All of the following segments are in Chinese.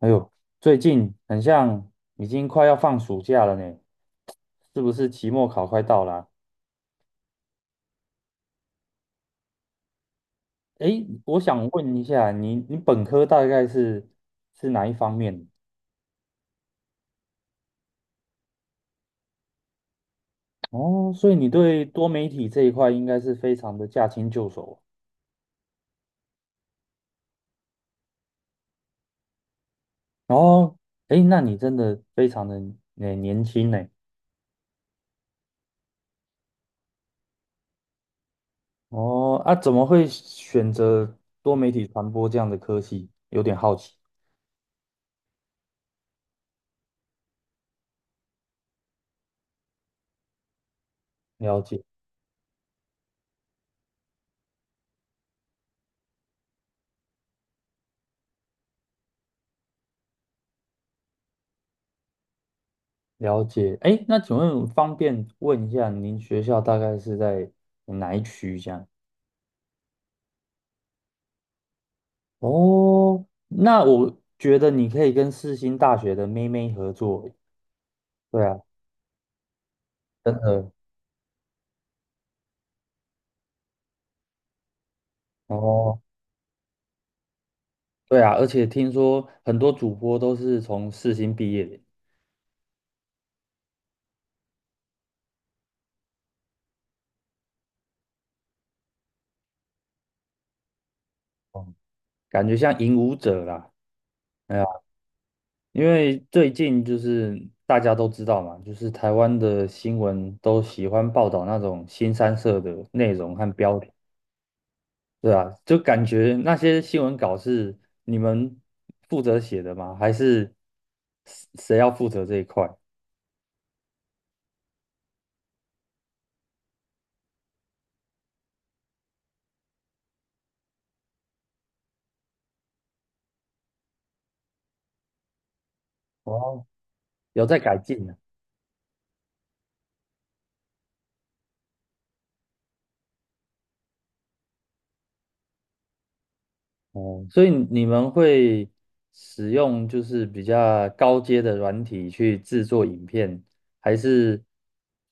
哎呦，最近很像已经快要放暑假了呢，是不是期末考快到了啊？哎，我想问一下，你本科大概是哪一方面？哦，所以你对多媒体这一块应该是非常的驾轻就熟。哦，哎，那你真的非常的年轻呢。哦，啊，怎么会选择多媒体传播这样的科系？有点好奇。了解。了解。哎，那请问方便问一下，您学校大概是在哪一区这样？哦，那我觉得你可以跟世新大学的妹妹合作。对啊，真的。哦，对啊，而且听说很多主播都是从世新毕业的。哦，感觉像影舞者啦。哎呀，因为最近就是大家都知道嘛，就是台湾的新闻都喜欢报道那种新三社的内容和标题。对啊，就感觉那些新闻稿是你们负责写的吗？还是谁要负责这一块？哦，有在改进呢。哦，所以你们会使用就是比较高阶的软体去制作影片，还是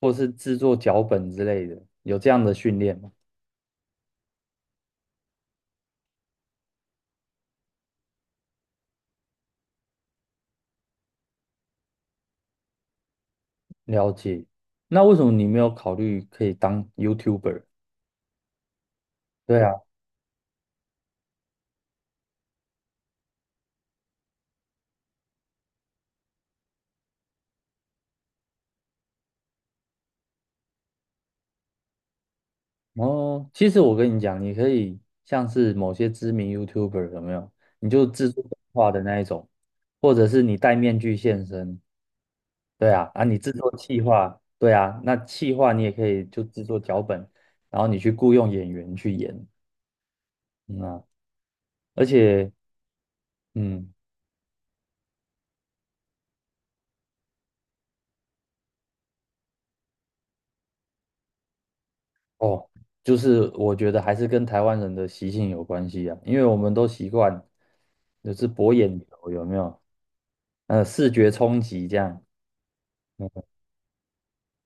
或是制作脚本之类的？有这样的训练吗？了解。那为什么你没有考虑可以当 YouTuber？对啊。哦，其实我跟你讲，你可以像是某些知名 YouTuber 有没有？你就制作动画的那一种，或者是你戴面具现身，对啊，啊，你制作气划，对啊，那气划你也可以就制作脚本，然后你去雇佣演员去演，嗯啊，而且，嗯，哦，就是我觉得还是跟台湾人的习性有关系啊，因为我们都习惯就是博眼球，有没有？视觉冲击这样。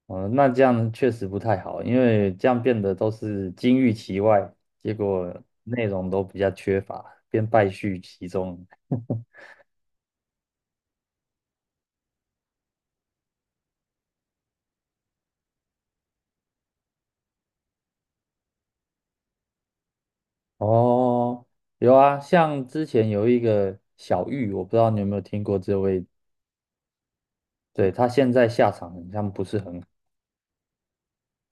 哦，那这样确实不太好，因为这样变得都是金玉其外，结果内容都比较缺乏，变败絮其中。哦，有啊，像之前有一个小玉，我不知道你有没有听过这位，对，他现在下场好像不是很好。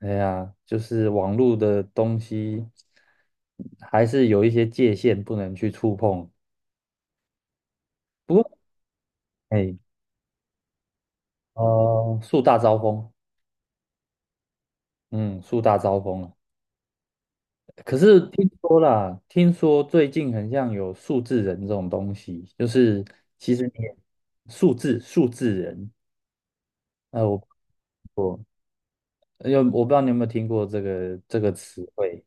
哎呀，就是网络的东西还是有一些界限不能去触碰。不过，哎，树大招风，嗯，树大招风啊。可是听说啦，听说最近很像有数字人这种东西，就是其实你也数字人，呃，我我不知道你有没有听过这个词汇。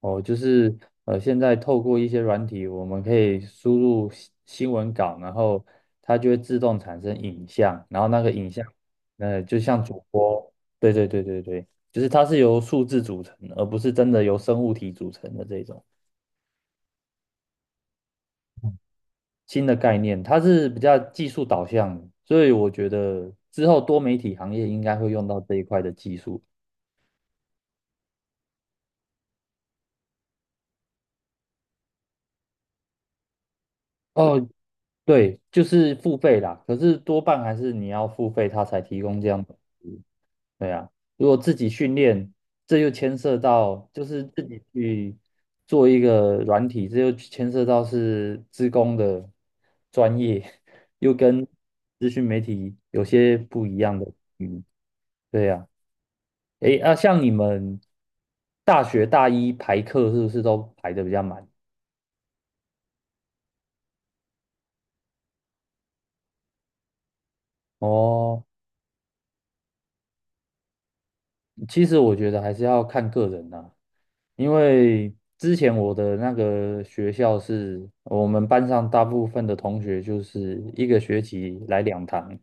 哦，就是现在透过一些软体，我们可以输入新闻稿，然后它就会自动产生影像，然后那个影像，就像主播，对对对对对，就是它是由数字组成，而不是真的由生物体组成的这种。新的概念，它是比较技术导向的，所以我觉得之后多媒体行业应该会用到这一块的技术。哦，对，就是付费啦，可是多半还是你要付费，它才提供这样的服务。对啊，如果自己训练，这又牵涉到就是自己去做一个软体，这又牵涉到是资工的专业，又跟资讯媒体有些不一样的。嗯，对呀。诶，那像你们大学大一排课是不是都排的比较满？哦，其实我觉得还是要看个人呐、因为之前我的那个学校是我们班上大部分的同学就是一个学期来两堂，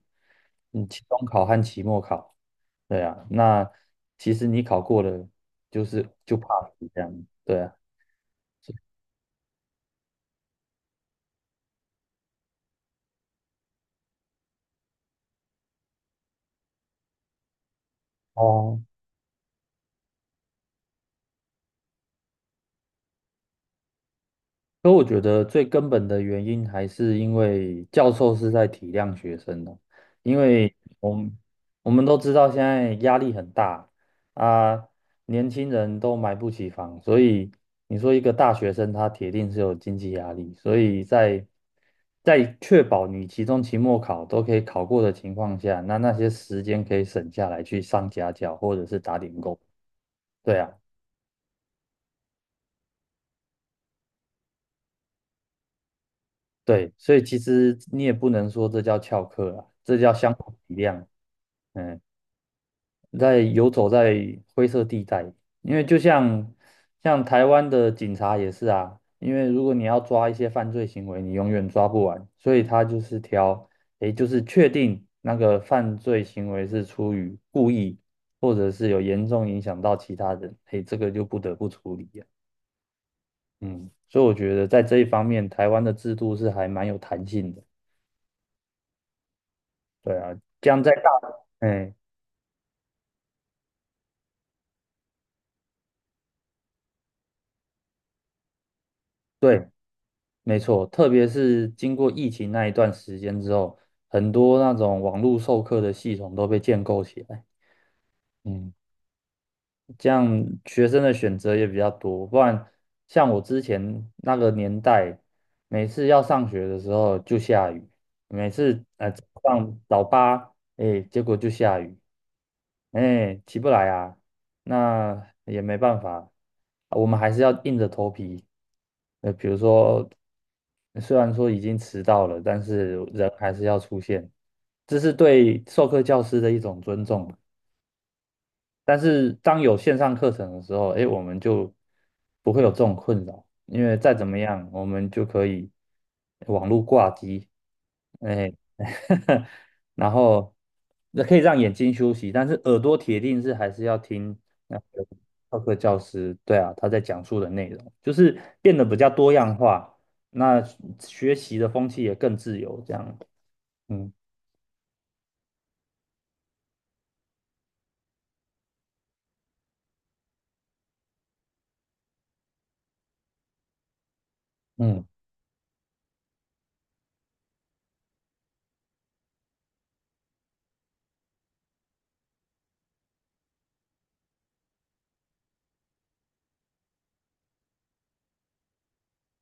嗯，期中考和期末考。对啊，那其实你考过了，就是就 pass 这样。对啊。哦，所以我觉得最根本的原因还是因为教授是在体谅学生的，因为我们我们都知道现在压力很大啊，年轻人都买不起房，所以你说一个大学生他铁定是有经济压力，所以在确保你期中、期末考都可以考过的情况下，那些时间可以省下来去上家教或者是打点工，对啊。对，所以其实你也不能说这叫翘课啊，这叫相互体谅。嗯，在游走在灰色地带，因为就像台湾的警察也是啊，因为如果你要抓一些犯罪行为，你永远抓不完，所以他就是挑，诶，就是确定那个犯罪行为是出于故意，或者是有严重影响到其他人，诶，这个就不得不处理啊。嗯，所以我觉得在这一方面，台湾的制度是还蛮有弹性的。对啊，这样在大，哎，对，没错，特别是经过疫情那一段时间之后，很多那种网络授课的系统都被建构起来。嗯，这样学生的选择也比较多，不然像我之前那个年代，每次要上学的时候就下雨，每次早上早八，哎，结果就下雨，哎，起不来啊，那也没办法，啊我们还是要硬着头皮。比如说，虽然说已经迟到了，但是人还是要出现，这是对授课教师的一种尊重。但是当有线上课程的时候，哎，我们就不会有这种困扰，因为再怎么样，我们就可以网络挂机，哎，然后那可以让眼睛休息，但是耳朵铁定是还是要听那个授课教师，对啊，他在讲述的内容，就是变得比较多样化，那学习的风气也更自由，这样，嗯嗯。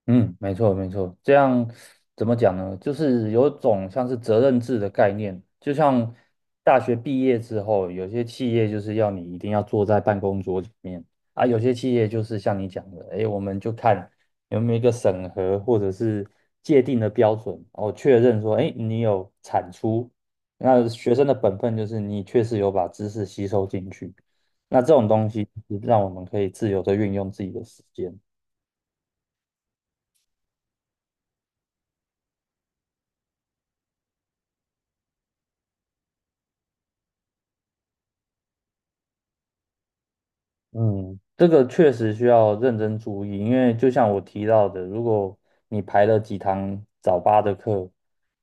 嗯，没错没错，这样怎么讲呢？就是有种像是责任制的概念，就像大学毕业之后，有些企业就是要你一定要坐在办公桌前面啊，有些企业就是像你讲的，哎，我们就看有没有一个审核或者是界定的标准，然确认说，哎，你有产出，那学生的本分就是你确实有把知识吸收进去，那这种东西是让我们可以自由的运用自己的时间。嗯，这个确实需要认真注意，因为就像我提到的，如果你排了几堂早八的课，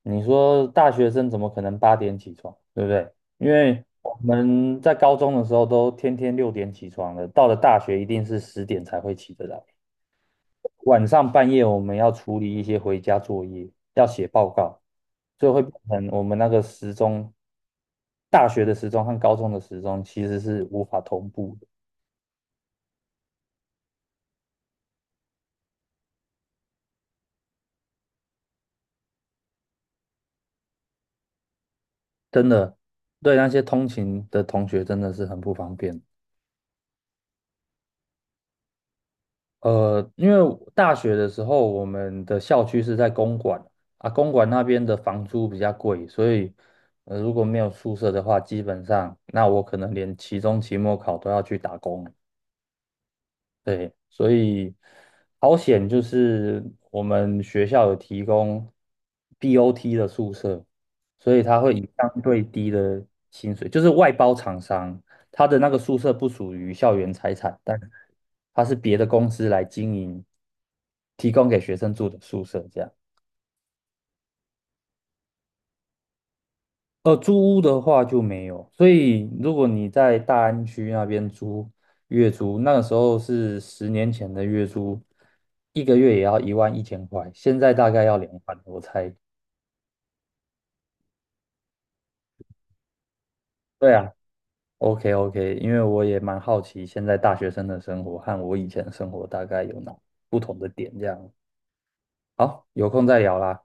你说大学生怎么可能8点起床，对不对？因为我们在高中的时候都天天6点起床了，到了大学一定是10点才会起得来。晚上半夜我们要处理一些回家作业，要写报告，所以会变成我们那个时钟，大学的时钟和高中的时钟其实是无法同步。真的，对那些通勤的同学真的是很不方便。因为大学的时候，我们的校区是在公馆啊，公馆那边的房租比较贵，所以如果没有宿舍的话，基本上那我可能连期中、期末考都要去打工。对，所以好险就是我们学校有提供 BOT 的宿舍，所以它会以相对低的薪水，就是外包厂商，它的那个宿舍不属于校园财产，但它是别的公司来经营，提供给学生住的宿舍这样。租屋的话就没有，所以如果你在大安区那边租月租，那个时候是10年前的月租，一个月也要11,000块，现在大概要2万，我猜。对啊，OK OK，因为我也蛮好奇现在大学生的生活和我以前的生活大概有哪不同的点，这样。好，有空再聊啦。